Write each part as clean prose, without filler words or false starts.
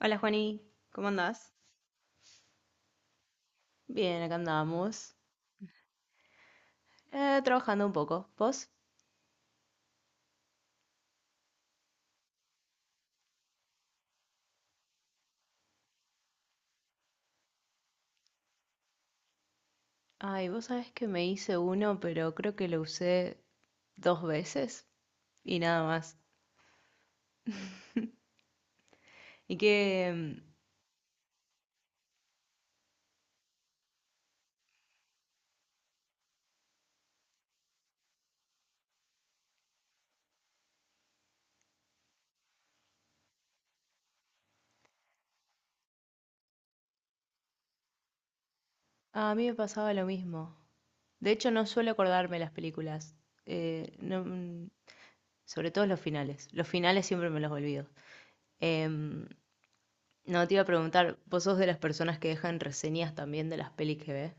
Hola Juani, ¿cómo andás? Bien, acá andamos. Trabajando un poco. ¿Vos? Ay, vos sabés que me hice uno, pero creo que lo usé dos veces y nada más. Y que mm, a mí me pasaba lo mismo. De hecho, no suelo acordarme las películas. No, sobre todo los finales. Los finales siempre me los olvido. Em, no te iba a preguntar, ¿vos sos de las personas que dejan reseñas también de las pelis que ves?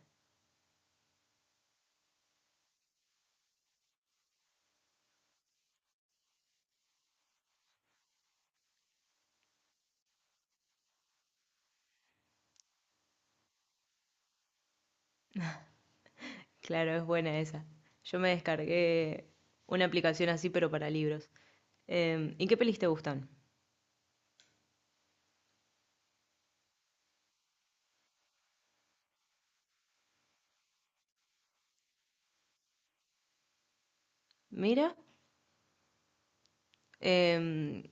Claro, es buena esa. Yo me descargué una aplicación así, pero para libros. ¿Y qué pelis te gustan? Mira, em,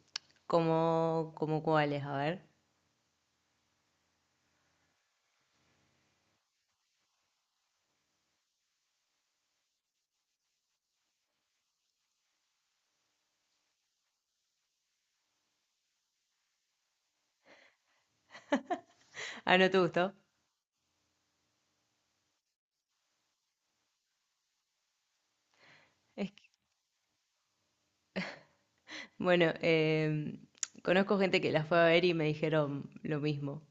como, como cuáles, a ver. Ah, ¿no te gustó? Es que- Bueno, conozco gente que la fue a ver y me dijeron lo mismo.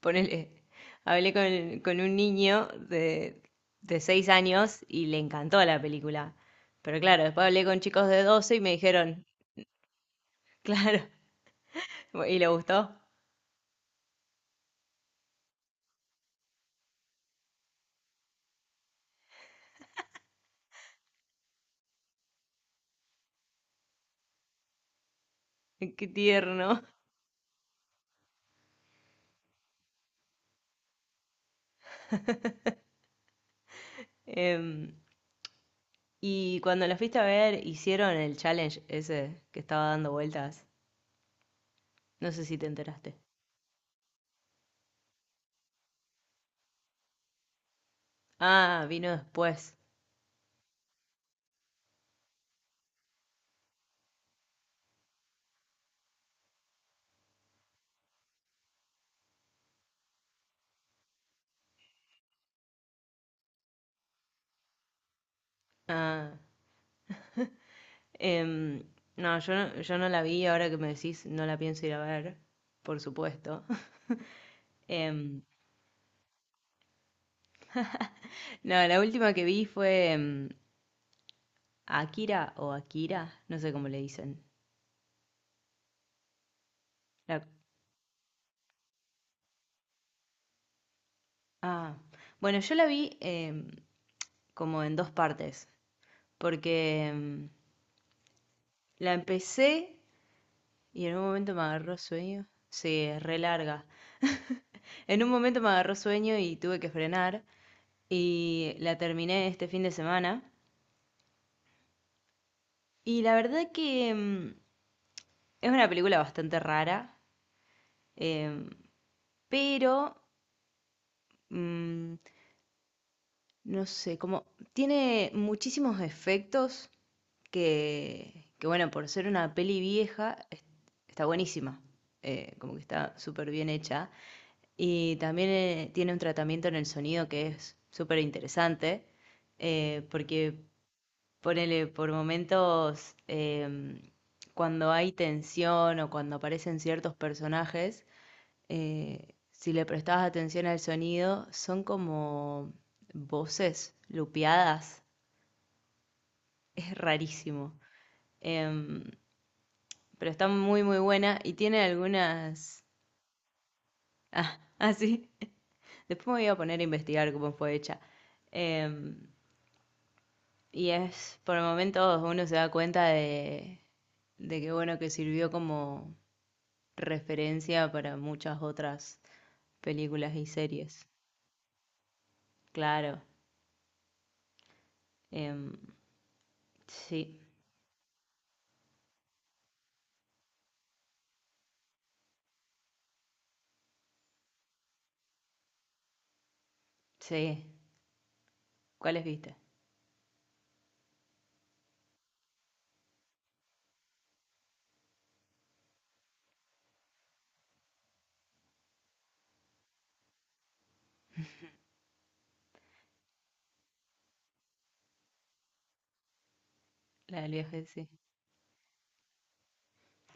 Ponele, hablé con un niño de 6 años y le encantó la película. Pero claro, después hablé con chicos de 12 y me dijeron, claro, ¿y le gustó? Qué tierno. Em, y cuando la fuiste a ver, hicieron el challenge ese que estaba dando vueltas. No sé si te enteraste. Ah, vino después. Ah, em, no, yo no la vi, ahora que me decís, no la pienso ir a ver, por supuesto. Em, no, la última que vi fue Akira o Akira, no sé cómo le dicen. La- ah, bueno, yo la vi como en dos partes, porque la empecé. Y en un momento me agarró sueño. Sí, es re larga. En un momento me agarró sueño y tuve que frenar. Y la terminé este fin de semana. Y la verdad que es una película bastante rara. em, pero, mm, no sé, como tiene muchísimos efectos bueno, por ser una peli vieja, está buenísima. Como que está súper bien hecha. Y también tiene un tratamiento en el sonido que es súper interesante, porque ponele por momentos, cuando hay tensión o cuando aparecen ciertos personajes, si le prestabas atención al sonido, son como voces lupeadas. Es rarísimo. Em, pero está muy, muy buena y tiene algunas... Ah, ah, sí. Después me voy a poner a investigar cómo fue hecha. Em, Y es, por momentos uno se da cuenta de que bueno, que sirvió como referencia para muchas otras películas y series. Claro, em, sí, sí. ¿Cuáles viste? La del viaje, sí.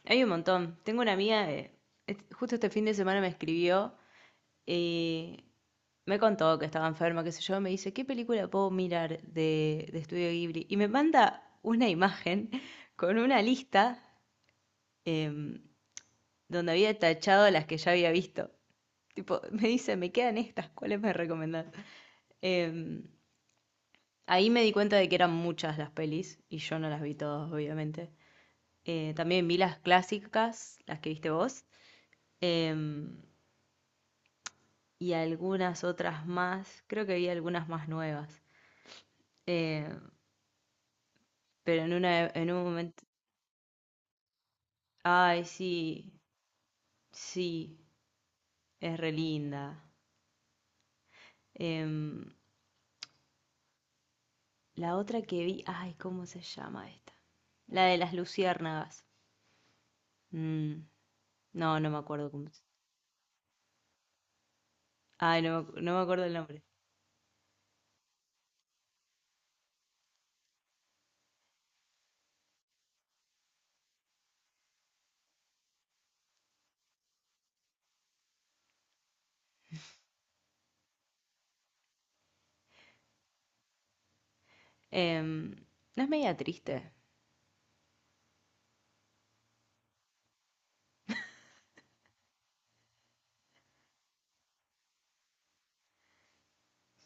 Hay un montón. Tengo una amiga, de, justo este fin de semana me escribió y me contó que estaba enferma, qué sé yo. Me dice, ¿qué película puedo mirar de Estudio Ghibli? Y me manda una imagen con una lista em, donde había tachado las que ya había visto. Tipo, me dice, me quedan estas, ¿cuáles me recomendás? Em, Ahí me di cuenta de que eran muchas las pelis y yo no las vi todas, obviamente. También vi las clásicas, las que viste vos, em, y algunas otras más. Creo que vi algunas más nuevas. Eh, pero en una, en un momento, ay, sí, sí, es re linda. Em, la otra que vi, ay, ¿cómo se llama esta? La de las luciérnagas. Mm, no, no me acuerdo cómo ay, no, no me acuerdo el nombre. Em, no, es media triste.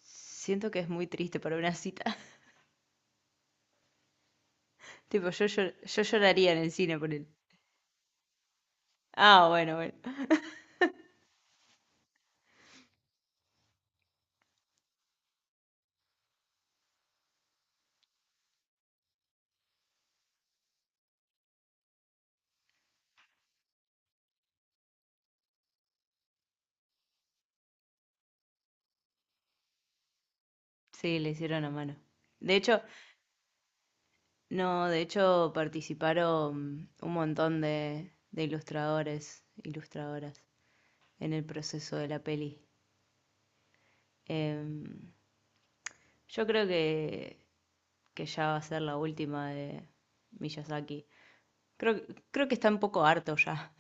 Siento que es muy triste para una cita. Tipo, yo, yo lloraría en el cine por él. Ah, bueno, bueno. Sí, le hicieron a mano. De hecho, no, de hecho participaron un montón de ilustradores, ilustradoras en el proceso de la peli. Em, yo creo que ya va a ser la última de Miyazaki. Creo, creo que está un poco harto ya.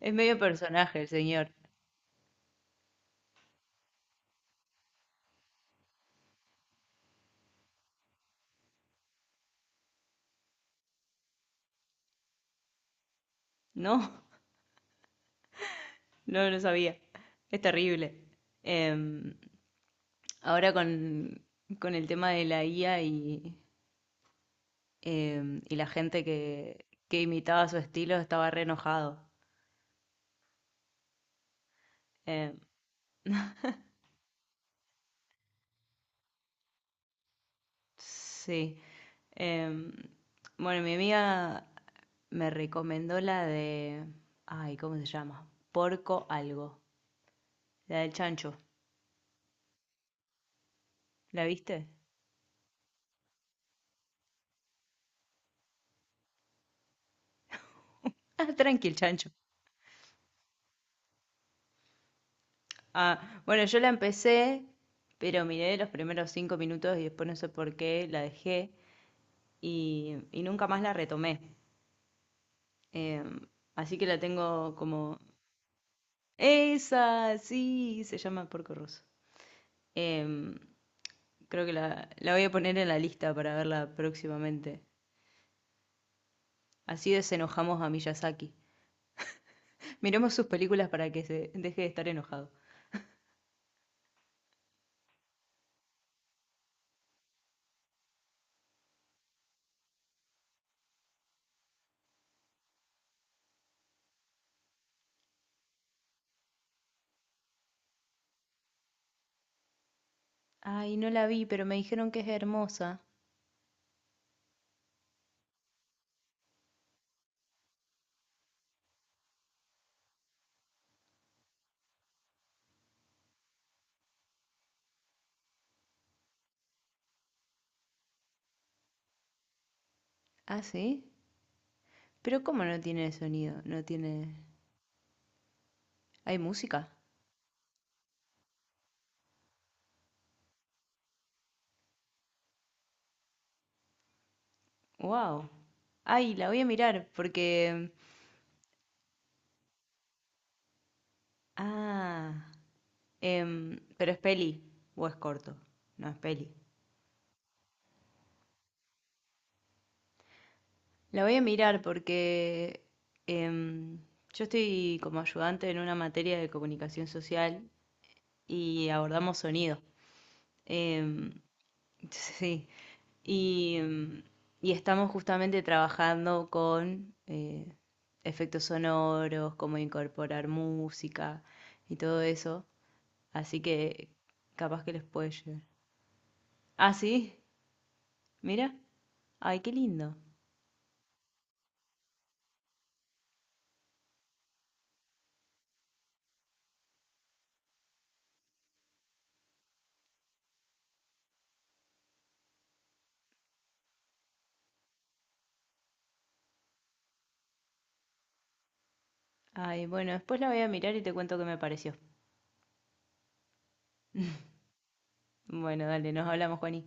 Es medio personaje el señor. No, no, lo sabía. Es terrible. Em, Ahora con el tema de la IA y la gente que imitaba su estilo estaba re enojado. Em, sí. Em, bueno, mi amiga me recomendó la de... Ay, ¿cómo se llama? Porco algo. La del chancho. ¿La viste? Ah, tranqui el chancho. Ah, bueno, yo la empecé, pero miré los primeros 5 minutos y después no sé por qué la dejé y nunca más la retomé. Eh, Así que la tengo como... Esa, sí, se llama Porco Rosso. Em, Creo que la voy a poner en la lista para verla próximamente. Así desenojamos a Miyazaki. Miremos sus películas para que se deje de estar enojado. Ay, no la vi, pero me dijeron que es hermosa. ¿Ah, sí? Pero ¿cómo no tiene sonido? No tiene... Hay música. Wow. Ay, la voy a mirar porque. Ah. Pero es peli o es corto. No es peli. La voy a mirar porque em, yo estoy como ayudante en una materia de comunicación social y abordamos sonido. Em, sí. Y y estamos justamente trabajando con efectos sonoros, cómo incorporar música y todo eso. Así que capaz que les puede llegar. Ah, sí, mira. Ay, qué lindo. Ay, bueno, después la voy a mirar y te cuento qué me pareció. Bueno, dale, nos hablamos, Juani.